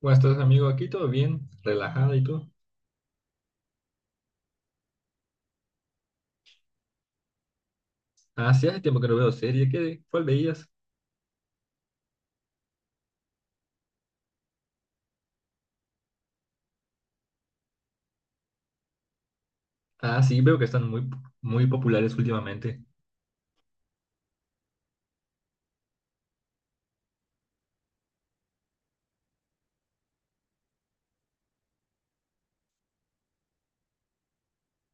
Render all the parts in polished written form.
¿Cómo estás, amigo? Aquí todo bien, relajado y todo. Ah, sí, hace tiempo que no veo serie. ¿Cuál veías? Ah, sí, veo que están muy, muy populares últimamente.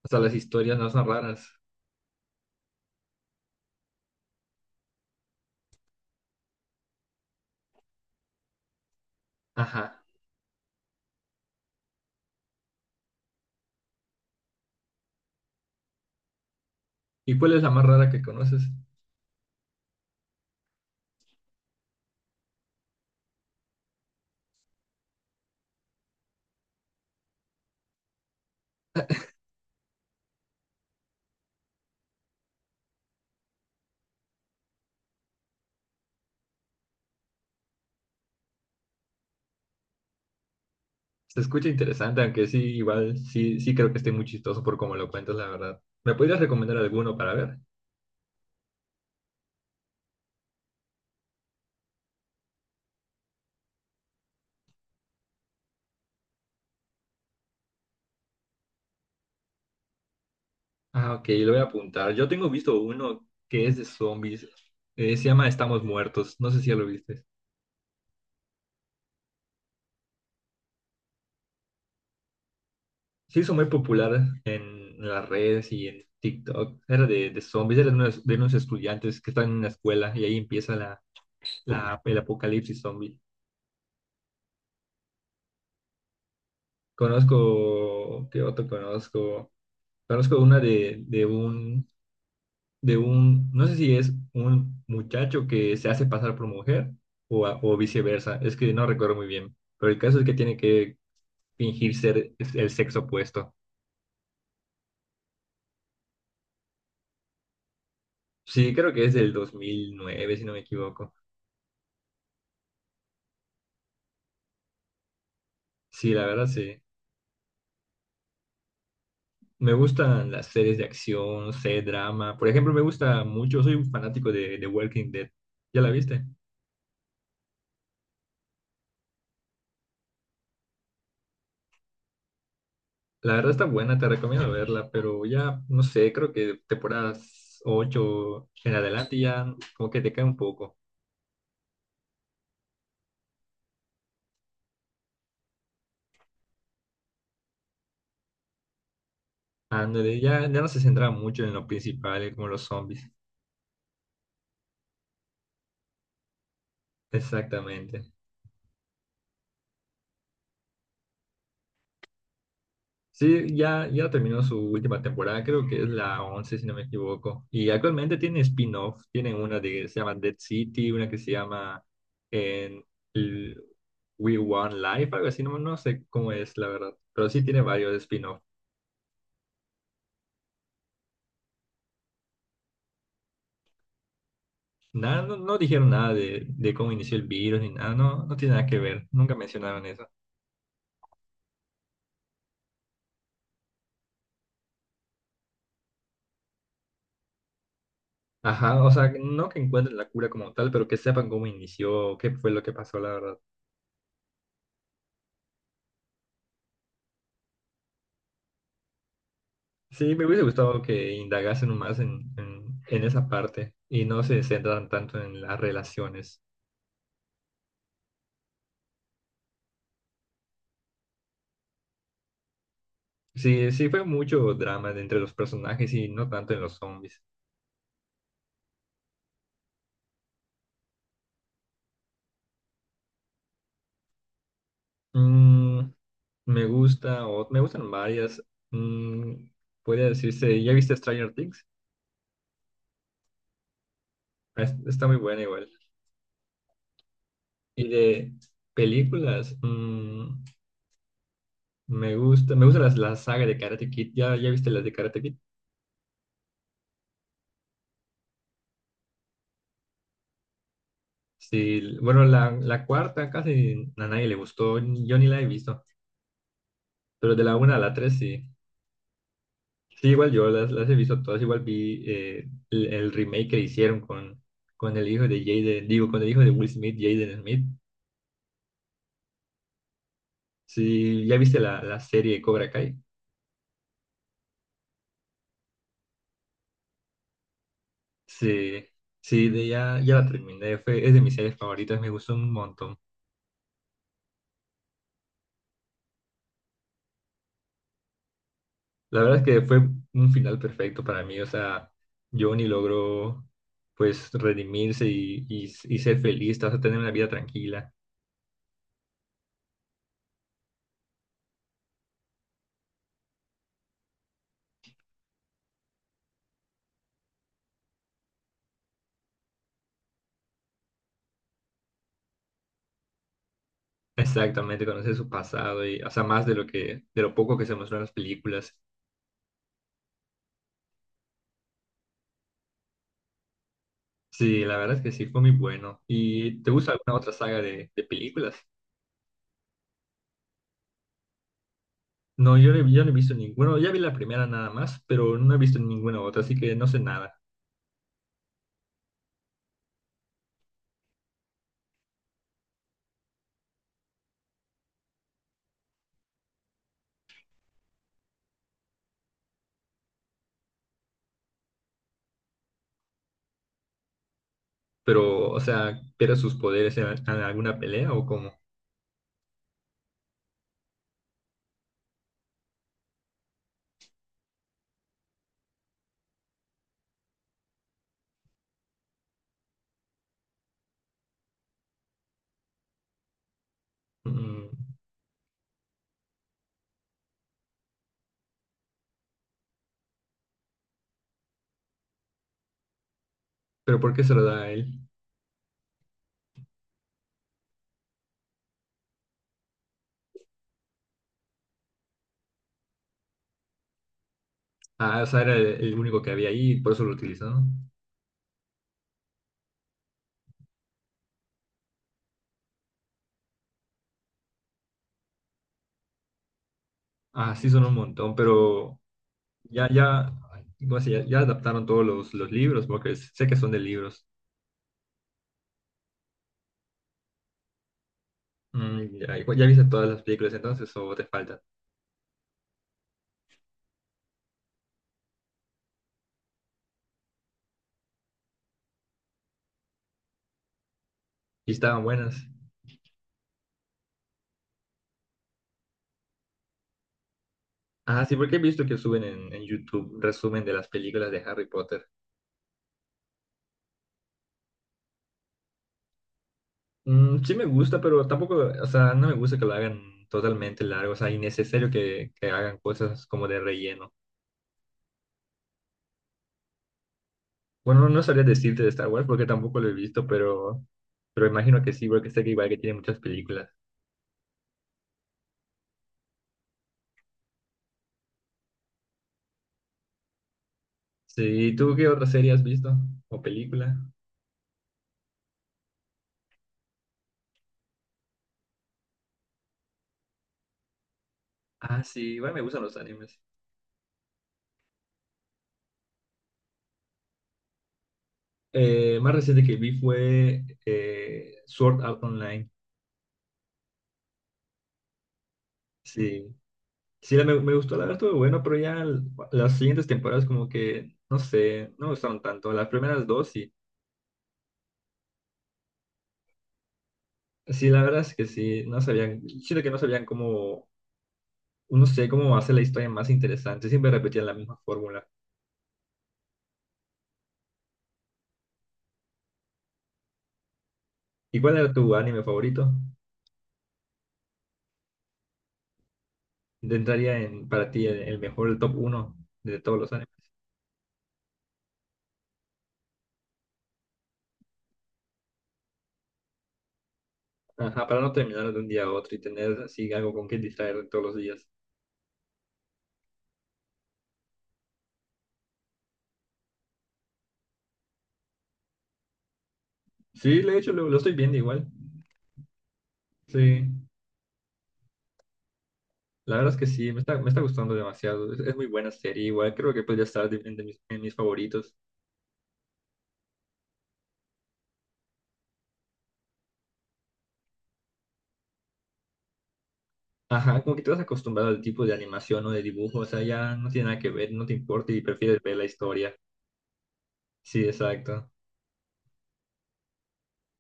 Hasta las historias no son raras. Ajá. ¿Y cuál es la más rara que conoces? Se escucha interesante, aunque sí, igual, sí, sí creo que esté muy chistoso por cómo lo cuentas, la verdad. ¿Me podrías recomendar alguno para ver? Ah, ok, lo voy a apuntar. Yo tengo visto uno que es de zombies. Se llama Estamos Muertos. No sé si ya lo viste. Se hizo muy popular en las redes y en TikTok. Era de zombies, era de unos estudiantes que están en una escuela y ahí empieza el apocalipsis zombie. Conozco, ¿qué otro conozco? Conozco una de un, no sé si es un muchacho que se hace pasar por mujer o, a- o viceversa. Es que no recuerdo muy bien, pero el caso es que tiene que fingir ser el sexo opuesto. Sí, creo que es del 2009 si no me equivoco. Sí, la verdad, sí. Me gustan las series de acción, no sé, drama. Por ejemplo, me gusta mucho, soy un fanático de The Walking Dead. ¿Ya la viste? La verdad está buena, te recomiendo verla, pero ya, no sé, creo que temporadas 8 en adelante ya como que te cae un poco. Ándale, ya, ya no se centra mucho en lo principal, como los zombies. Exactamente. Sí, ya, ya terminó su última temporada, creo que es la 11 si no me equivoco. Y actualmente tiene spin-off, tienen una de, que se llama Dead City, una que se llama en L- We Want Life, algo así, no, no sé cómo es la verdad, pero sí tiene varios spin-off. Nada, no, no dijeron nada de cómo inició el virus ni nada, no, no tiene nada que ver, nunca mencionaron eso. Ajá, o sea, no que encuentren la cura como tal, pero que sepan cómo inició, qué fue lo que pasó, la verdad. Sí, me hubiese gustado que indagasen más en esa parte y no se centran tanto en las relaciones. Sí, sí fue mucho drama de entre los personajes y no tanto en los zombies. Mm, Me gusta, o me gustan varias. Mm, Podría decirse, ¿ya viste Stranger Things? Está muy buena igual. Y de películas, me gusta la saga de Karate Kid. ¿Ya viste las de Karate Kid? Sí, bueno, la cuarta casi a nadie le gustó, yo ni la he visto, pero de la una a la tres sí. Sí, igual yo las he visto todas, igual vi el remake que hicieron con el hijo de Jaden, digo, con el hijo de Will Smith, Jaden Smith. Sí, ¿ya viste la serie de Cobra Kai? Sí, sí, ya la terminé, es de mis series favoritas, me gustó un montón. La verdad es que fue un final perfecto para mí. O sea, Johnny logró pues redimirse y ser feliz, o sea, tener una vida tranquila. Exactamente, conocer su pasado y, o sea, más de lo poco que se mostró en las películas. Sí, la verdad es que sí, fue muy bueno. ¿Y te gusta alguna otra saga de películas? No, yo no he visto ninguna. Ya vi la primera nada más, pero no he visto ninguna otra, así que no sé nada. Pero, o sea, ¿pierde sus poderes en alguna pelea o cómo? Mm, ¿Pero por qué se lo da a él? Ah, o sea, era el único que había ahí y por eso lo utilizaron. Ah, sí, son un montón, pero ya, ya, ¿cómo se llama? Ya, adaptaron todos los libros, porque sé que son de libros. Ya, ya viste todas las películas entonces o te faltan? Y estaban buenas. Ah, sí, porque he visto que suben en YouTube resumen de las películas de Harry Potter. Sí me gusta, pero tampoco, o sea, no me gusta que lo hagan totalmente largo, o sea, innecesario que hagan cosas como de relleno. Bueno, no sabría decirte de Star Wars porque tampoco lo he visto, pero, imagino que sí, porque sé que igual que tiene muchas películas. Sí, ¿tú qué otra serie has visto? ¿O película? Ah, sí, igual me gustan los animes. Más reciente que vi fue Sword Art Online. Sí, sí, me gustó, la verdad estuvo bueno, pero ya las siguientes temporadas como que, no sé, no me gustaron tanto. Las primeras dos sí. Sí, la verdad es que sí, no sabían, siento que no sabían cómo, no sé, cómo hacer la historia más interesante. Siempre repetían la misma fórmula. ¿Y cuál era tu anime favorito? Intentaría para ti el mejor, el top uno de todos los animes. Ajá, para no terminar de un día a otro y tener así algo con que distraer todos los días. Sí, de hecho lo estoy viendo igual. Sí, la verdad es que sí, me está gustando demasiado. Es muy buena serie, igual creo que podría estar en mis favoritos. Ajá, como que te vas acostumbrado al tipo de animación o de dibujo, o sea, ya no tiene nada que ver, no te importa y prefieres ver la historia. Sí, exacto.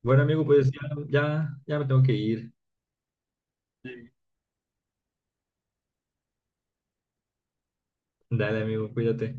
Bueno, amigo, pues ya, ya, ya me tengo que ir. Sí. Dale, amigo, cuídate.